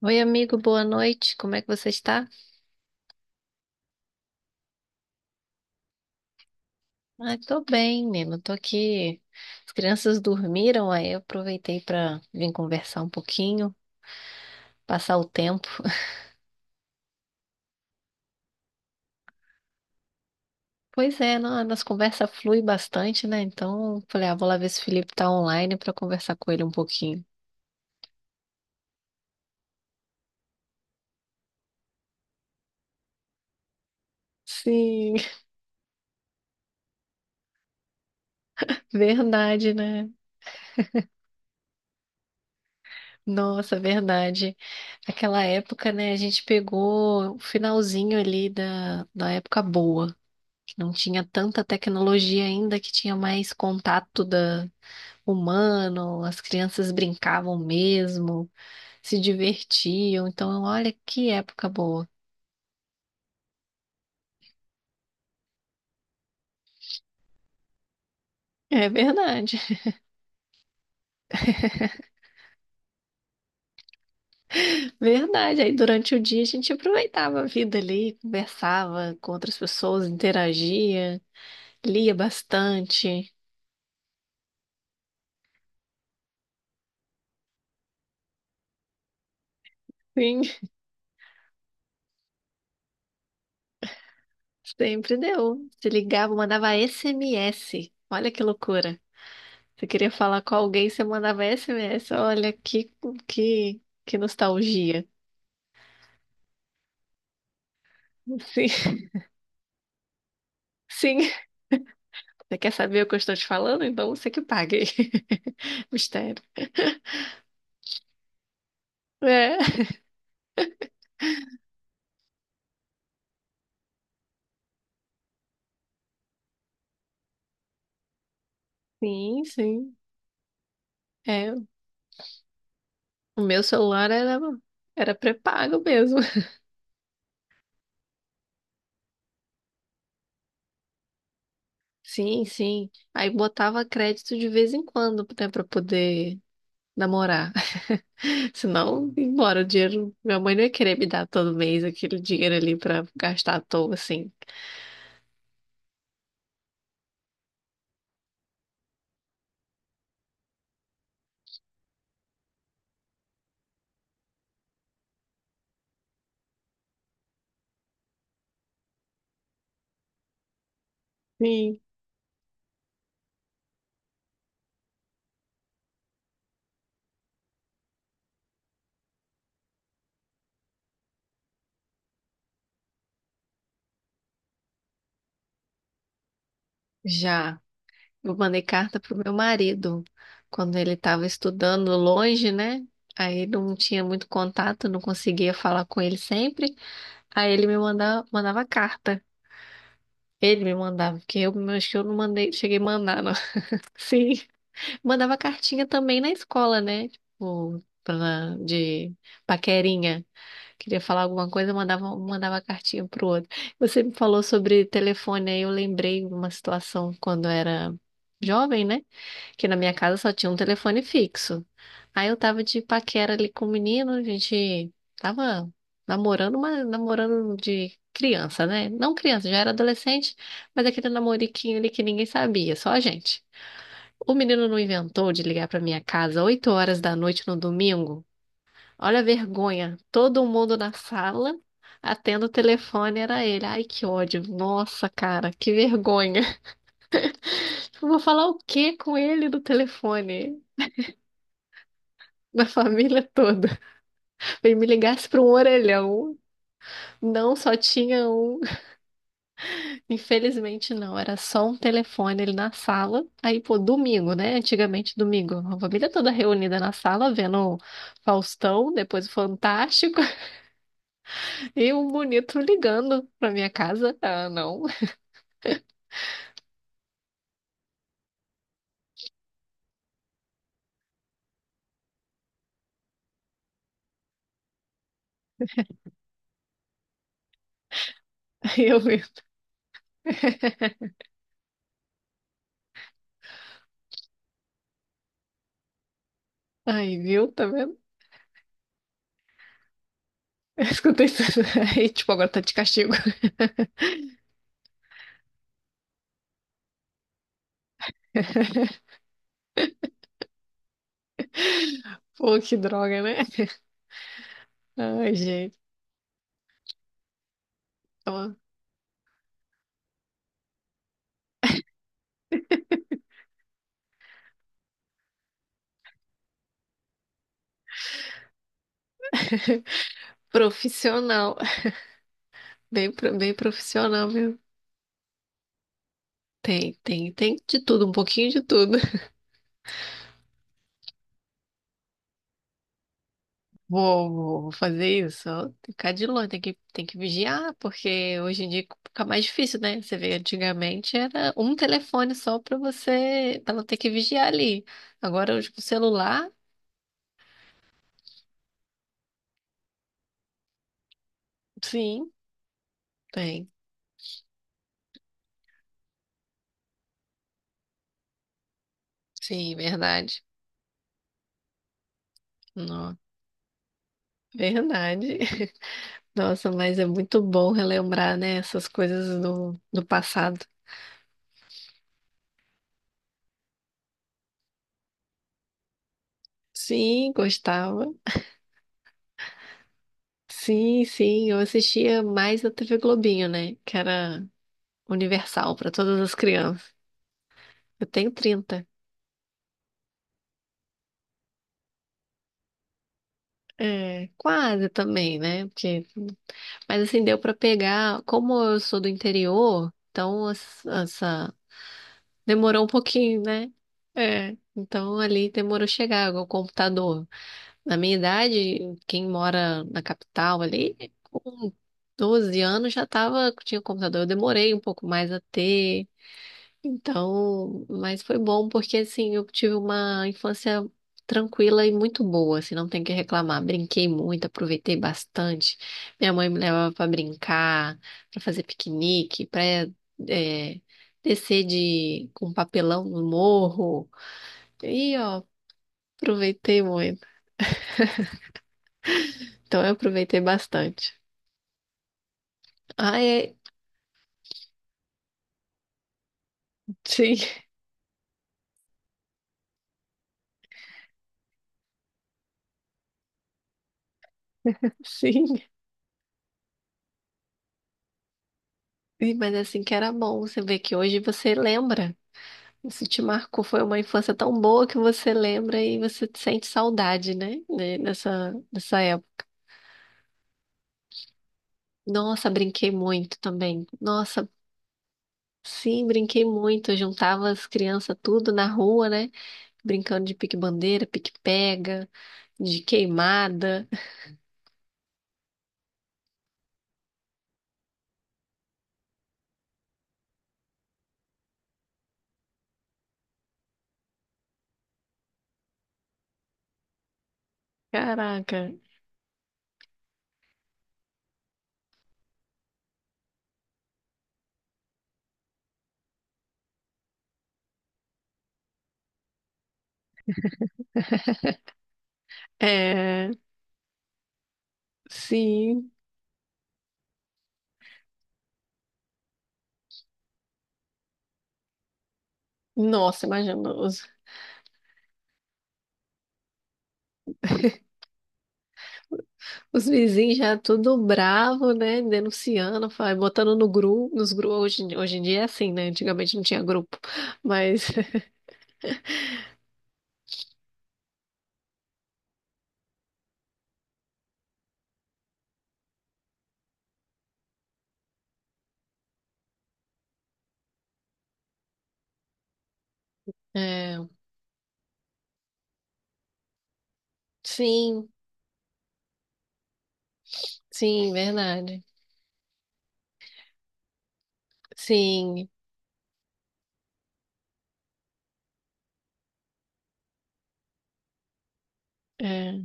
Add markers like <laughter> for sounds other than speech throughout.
Oi, amigo, boa noite. Como é que você está? Ah, tô bem, menino. Tô aqui. As crianças dormiram, aí eu aproveitei para vir conversar um pouquinho, passar o tempo. Pois é, não, a nossa conversa flui bastante, né? Então, falei, ah, vou lá ver se o Felipe tá online para conversar com ele um pouquinho. Sim, <laughs> verdade, né? Nossa, verdade. Aquela época, né, a gente pegou o finalzinho ali da época boa. Não tinha tanta tecnologia ainda que tinha mais contato da humano, as crianças brincavam mesmo, se divertiam. Então, olha que época boa. É verdade, <laughs> verdade. Aí durante o dia a gente aproveitava a vida ali, conversava com outras pessoas, interagia, lia bastante. Sim, <laughs> sempre deu. Se ligava, mandava SMS. Olha que loucura. Você queria falar com alguém, você mandava SMS. Olha que, que nostalgia. Sim, <laughs> sim. Você quer saber o que eu estou te falando? Então você que pague. <laughs> Mistério. É. Sim, sim. É. O meu celular era pré-pago mesmo. <laughs> Sim, sim. Aí botava crédito de vez em quando, né, pra poder namorar. <laughs> Senão, embora o dinheiro. Minha mãe não ia querer me dar todo mês aquele dinheiro ali pra gastar à toa, assim. Sim. Já. Eu mandei carta pro meu marido quando ele estava estudando longe, né? Aí não tinha muito contato, não conseguia falar com ele sempre. Aí ele me mandava, mandava carta. Ele me mandava, porque eu acho que eu não mandei, cheguei a mandar, não. <laughs> Sim. Mandava cartinha também na escola, né? Tipo, de paquerinha. Queria falar alguma coisa, mandava, mandava cartinha pro outro. Você me falou sobre telefone, aí eu lembrei de uma situação quando eu era jovem, né? Porque na minha casa só tinha um telefone fixo. Aí eu tava de paquera ali com o menino, a gente tava namorando, mas namorando de criança, né? Não criança, já era adolescente, mas aquele namoriquinho ali que ninguém sabia, só a gente. O menino não inventou de ligar pra minha casa 8 horas da noite no domingo. Olha a vergonha, todo mundo na sala, atendo o telefone, era ele. Ai, que ódio. Nossa, cara, que vergonha. <laughs> Eu vou falar o quê com ele no telefone? <laughs> Na família toda. E me ligasse para um orelhão. Não, só tinha um. <laughs> Infelizmente não, era só um telefone ali na sala. Aí, pô, domingo, né? Antigamente domingo. A família toda reunida na sala, vendo o Faustão, depois o Fantástico, <laughs> e o bonito ligando pra minha casa. Ah, não. <laughs> Aí eu vi. <laughs> Aí, viu? Tá vendo? <laughs> Eu escutei isso. <laughs> Aí, tipo, agora tá de castigo. <laughs> Pô, que droga, né? <laughs> Ai, gente. Ó, profissional. Bem, bem profissional, viu? Tem de tudo, um pouquinho de tudo. <laughs> Vou fazer isso. Ó, tem que ficar de longe, tem que vigiar, porque hoje em dia fica mais difícil, né? Você vê, antigamente era um telefone só pra você, pra não ter que vigiar ali. Agora, hoje, com o celular, sim, tem. Sim, verdade. Não, verdade. <laughs> Nossa, mas é muito bom relembrar, né, essas coisas do passado. Sim, gostava. Sim, sim, eu assistia mais a TV Globinho, né? Que era universal para todas as crianças. Eu tenho 30. É, quase também, né? Porque... Mas assim, deu para pegar. Como eu sou do interior, então essa... Demorou um pouquinho, né? É, então ali demorou chegar o computador. Na minha idade, quem mora na capital ali, com 12 anos já tava, tinha computador. Eu demorei um pouco mais a ter. Então, mas foi bom porque assim eu tive uma infância tranquila e muito boa, assim, não tem o que reclamar. Brinquei muito, aproveitei bastante. Minha mãe me levava para brincar, para fazer piquenique, para descer de com um papelão no morro. E ó, aproveitei muito. Então eu aproveitei bastante. Ah, é, sim, <laughs> sim. Ih, mas assim que era bom, você vê que hoje você lembra. Isso te marcou, foi uma infância tão boa que você lembra e você sente saudade, né? Né, nessa dessa época. Nossa, brinquei muito também. Nossa, sim, brinquei muito. Eu juntava as crianças tudo na rua, né? Brincando de pique-bandeira, pique-pega, de queimada. Caraca, é, sim. Nossa, imagina. <laughs> Os vizinhos já tudo bravo, né? Denunciando, botando no grupo, nos grupos. Hoje, hoje em dia é assim, né? Antigamente não tinha grupo. Mas, <laughs> é, sim, sim, verdade. Sim, é,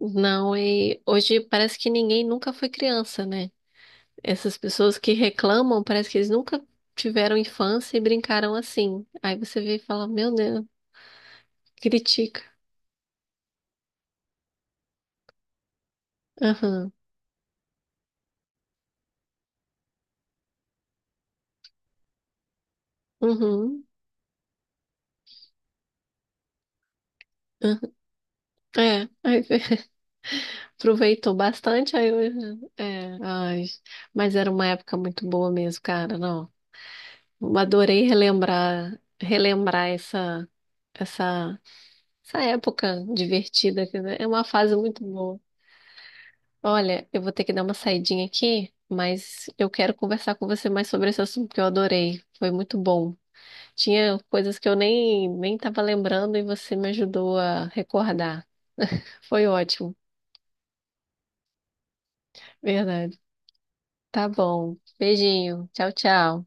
não, e hoje parece que ninguém nunca foi criança, né? Essas pessoas que reclamam, parece que eles nunca tiveram infância e brincaram assim. Aí você vê e fala, meu Deus, critica. Aham, uhum, aham. É, aí <laughs> aproveitou bastante, aí eu... É, ai, mas era uma época muito boa mesmo, cara, não. Eu adorei relembrar, relembrar essa, essa época divertida, quer dizer, é uma fase muito boa. Olha, eu vou ter que dar uma saidinha aqui, mas eu quero conversar com você mais sobre esse assunto que eu adorei. Foi muito bom. Tinha coisas que eu nem estava lembrando e você me ajudou a recordar. <laughs> Foi ótimo, verdade. Tá bom. Beijinho. Tchau, tchau.